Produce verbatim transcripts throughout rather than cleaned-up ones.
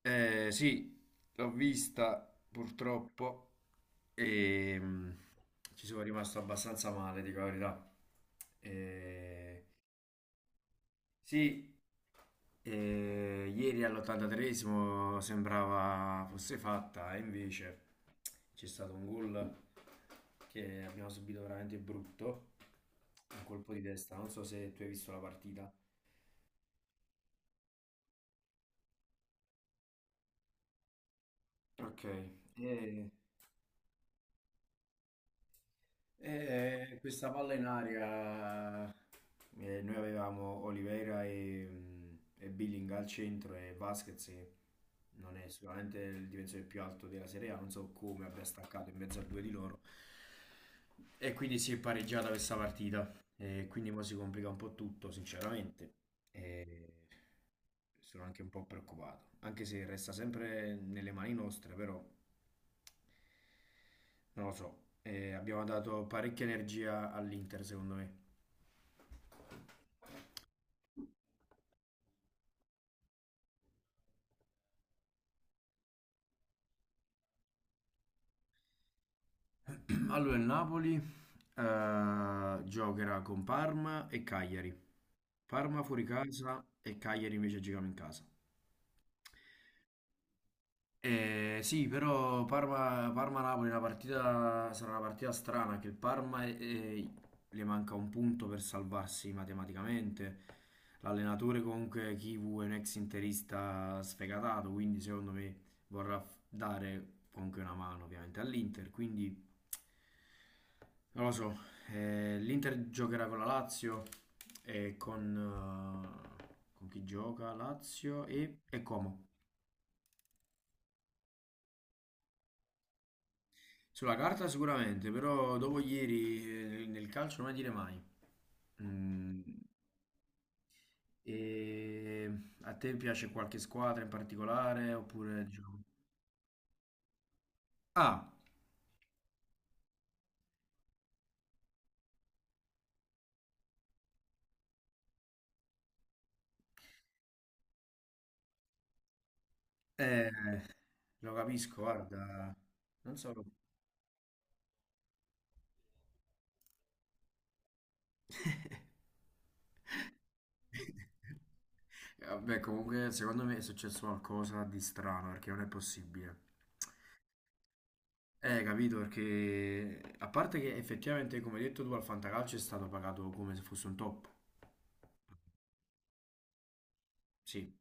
Eh, sì, l'ho vista purtroppo e mh, ci sono rimasto abbastanza male, dico la verità. Eh, sì, eh, ieri all'ottantatreesimo sembrava fosse fatta, e invece c'è stato un gol che abbiamo subito veramente brutto, un colpo di testa, non so se tu hai visto la partita. Ok, eh, Eh, questa palla in aria, eh, noi avevamo Oliveira e, mm, e Billing al centro e Vasquez che non è sicuramente il difensore più alto della Serie A, non so come abbia staccato in mezzo a due di loro, e quindi si è pareggiata questa partita. E quindi mo si complica un po' tutto, sinceramente, e sono anche un po' preoccupato, anche se resta sempre nelle mani nostre, però non lo so. Eh, abbiamo dato parecchia energia all'Inter, secondo me. Allora il Napoli eh, giocherà con Parma e Cagliari. Parma fuori casa e Cagliari invece giochiamo in casa. Eh, sì, però Parma, Parma-Napoli è una partita, sarà una partita strana, che il Parma, eh, le manca un punto per salvarsi matematicamente. L'allenatore comunque Kivu è un ex interista sfegatato, quindi secondo me vorrà f- dare comunque una mano ovviamente all'Inter, quindi non lo so. Eh, l'Inter giocherà con la Lazio e con, eh, con chi gioca? Lazio e, e Como. Sulla carta sicuramente, però dopo ieri, eh, nel calcio non mai dire mai. Mm, e a te piace qualche squadra in particolare? Oppure diciamo... Ah, eh, lo capisco, guarda, non so. Vabbè, comunque secondo me è successo qualcosa di strano, perché non è possibile. Eh, capito, perché a parte che effettivamente, come hai detto tu, al Fantacalcio è stato pagato come se fosse un top. Sì.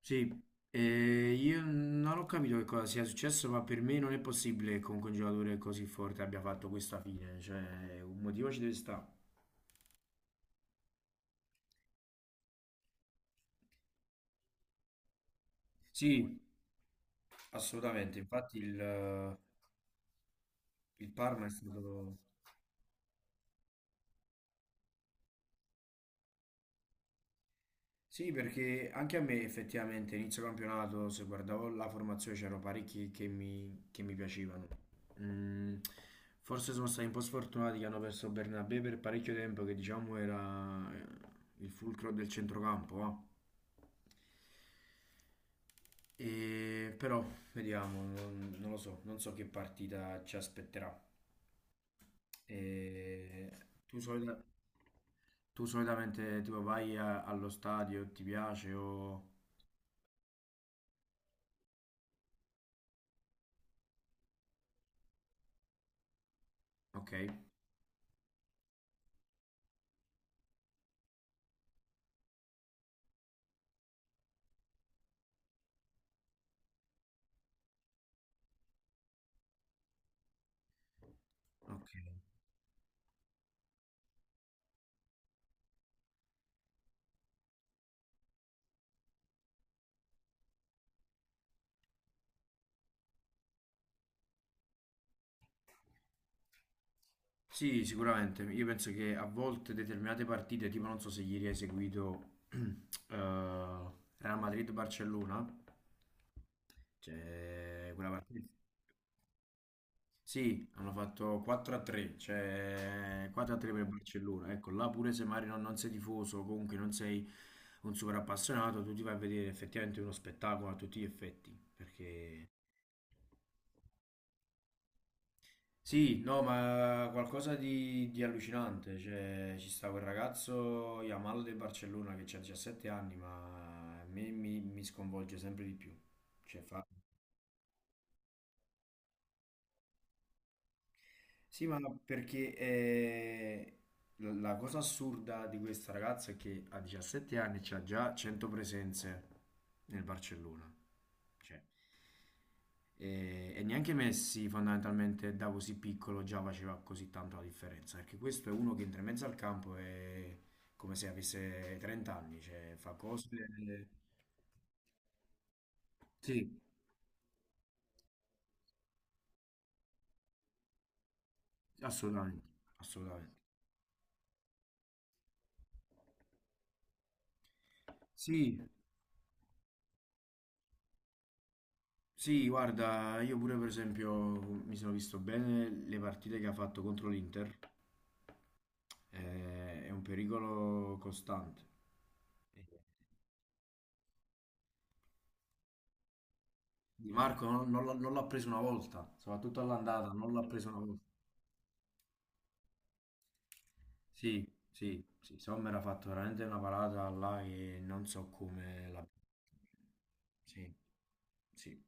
Sì, eh, io non ho capito che cosa sia successo, ma per me non è possibile che comunque un giocatore così forte abbia fatto questa fine, cioè un motivo ci deve stare. Sì, assolutamente, infatti il, eh, il Parma è stato... Sì, perché anche a me, effettivamente, inizio campionato, se guardavo la formazione, c'erano parecchi che mi, che mi piacevano. Mm, Forse sono stati un po' sfortunati, che hanno perso Bernabé per parecchio tempo, che diciamo era eh, il fulcro del centrocampo, va. E, però vediamo, non, non lo so, non so che partita ci aspetterà. E tu, solita- tu solitamente tipo vai a- allo stadio, ti piace o... Ok, ok. Sì, sicuramente. Io penso che a volte determinate partite, tipo non so se ieri hai seguito eh, Real Madrid-Barcellona, cioè quella partita. Sì, hanno fatto quattro a tre, cioè quattro a tre per il Barcellona. Ecco, là pure se magari non, non sei tifoso, comunque non sei un super appassionato, tu ti vai a vedere effettivamente uno spettacolo a tutti gli effetti, perché. Sì, no, ma qualcosa di, di allucinante. Cioè, ci sta quel ragazzo Yamal del Barcellona, che ha diciassette anni, ma a me mi, mi sconvolge sempre di più. Cioè, fa sì, ma no, perché eh, la la cosa assurda di questa ragazza è che a diciassette anni c'ha già cento presenze nel Barcellona. Cioè, E, e neanche Messi fondamentalmente da così piccolo già faceva così tanto la differenza, perché questo è uno che entra in mezzo al campo e come se avesse trenta anni, cioè fa cose... Sì, assolutamente, assolutamente. Sì, sì, guarda, io pure per esempio mi sono visto bene le partite che ha fatto contro l'Inter. Eh, è un pericolo costante. Di Marco non, non l'ha non l'ha preso una volta, soprattutto all'andata, non l'ha preso una volta. Sì, sì, sì, Sommer ha fatto veramente una parata là che non so come la... Sì, sì. I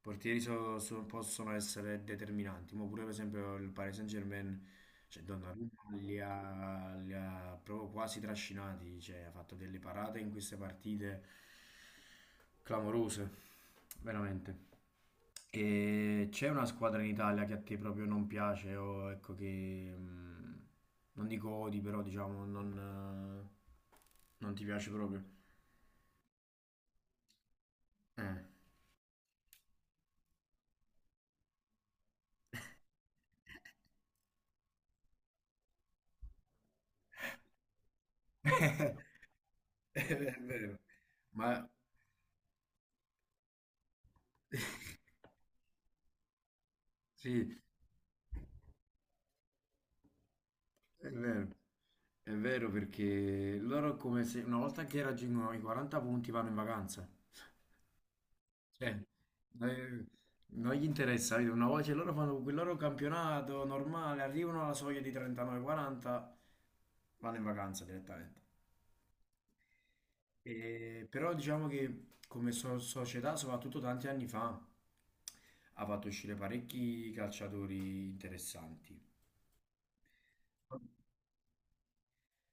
portieri so- so- possono essere determinanti, ma pure per esempio il Paris Saint-Germain, cioè Donnarumma li ha, li ha proprio quasi trascinati, cioè ha fatto delle parate in queste partite clamorose, veramente. E c'è una squadra in Italia che a te proprio non piace, o ecco che mm, non dico odi, però diciamo non, eh, non ti piace proprio. Eh. È vero, ma sì, è vero. È vero, perché loro come se una volta che raggiungono i quaranta punti vanno in vacanza. Cioè, eh, non gli interessa, capito? Una volta che loro fanno quel loro campionato normale, arrivano alla soglia di trentanove, quaranta, vanno in vacanza direttamente. E- però diciamo che come so- società, soprattutto tanti anni fa, ha fatto uscire parecchi calciatori interessanti.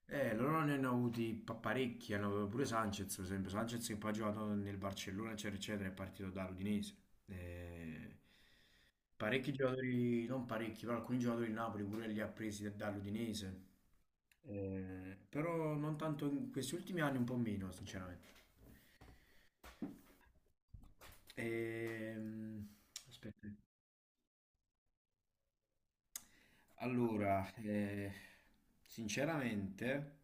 Eh, loro ne hanno avuti pa- parecchi, hanno avuto pure Sanchez, per esempio. Sanchez, che poi ha giocato nel Barcellona, eccetera, eccetera, è partito da Udinese. Eh, Parecchi giocatori, non parecchi, però alcuni giocatori del Napoli pure li ha presi da- dall'Udinese. Eh, però non tanto in questi ultimi anni, un po' meno, sinceramente. Ehm, Aspetta. Allora, eh, sinceramente,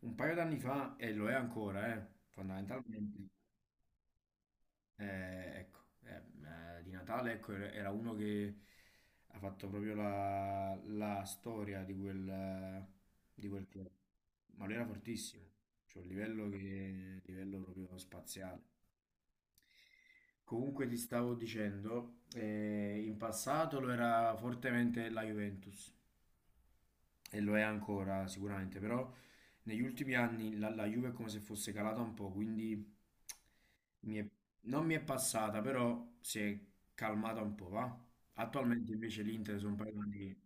un paio d'anni fa, e lo è ancora, eh, fondamentalmente, Eh, ecco, eh, eh, di Natale, ecco, era era uno che ha fatto proprio la, la storia di quel, di quel club, ma lui era fortissimo, cioè un livello, che, livello proprio spaziale. Comunque ti stavo dicendo, eh, in passato lo era fortemente la Juventus, e lo è ancora sicuramente, però negli ultimi anni la, la Juve è come se fosse calata un po', quindi Mi è- non mi è passata, però si è calmata un po', va? Attualmente invece l'Inter, sono un paio d'anni.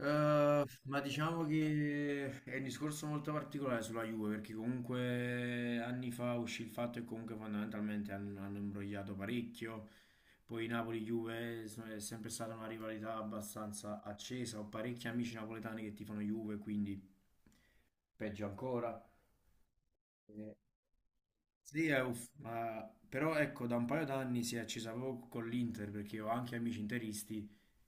Eh, ma diciamo che è un discorso molto particolare sulla Juve, perché comunque anni fa uscì il fatto che comunque fondamentalmente hanno, hanno imbrogliato parecchio. Poi Napoli-Juve so- è sempre stata una rivalità abbastanza accesa. Ho parecchi amici napoletani che tifano Juve, quindi peggio ancora. Sì, è uff, ma però ecco, da un paio d'anni si è accesa proprio con l'Inter, perché ho anche amici interisti,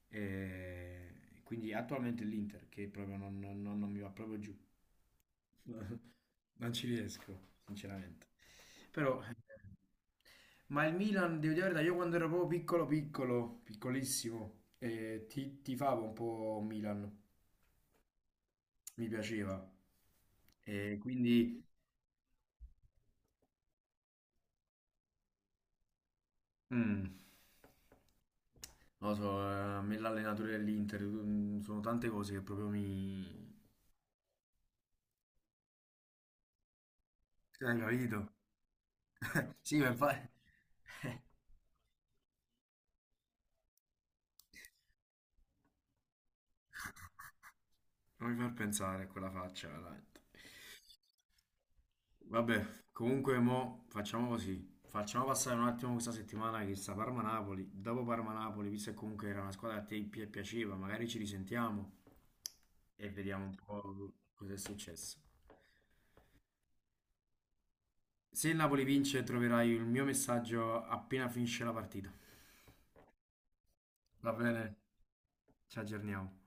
e quindi attualmente è l'Inter che proprio non, non- non- non mi va proprio giù. Non ci riesco, sinceramente. Però, eh, ma il Milan, devo dire la verità, io quando ero proprio piccolo, piccolo, piccolissimo, eh, ti, tifavo un po' Milan, mi piaceva. E quindi mm. Non lo so, eh, a me l'allenatore dell'Inter, mm, sono tante cose che proprio mi... Hai capito? Sì, ma infatti... Non mi far pensare a quella faccia, veramente. Vabbè, comunque mo facciamo così. Facciamo passare un attimo questa settimana che sta Parma-Napoli. Dopo Parma-Napoli, visto che comunque era una squadra che a te pi- piaceva, magari ci risentiamo e vediamo un po' cosa è successo. Se il Napoli vince, troverai il mio messaggio appena finisce la partita. Va bene? Ci aggiorniamo.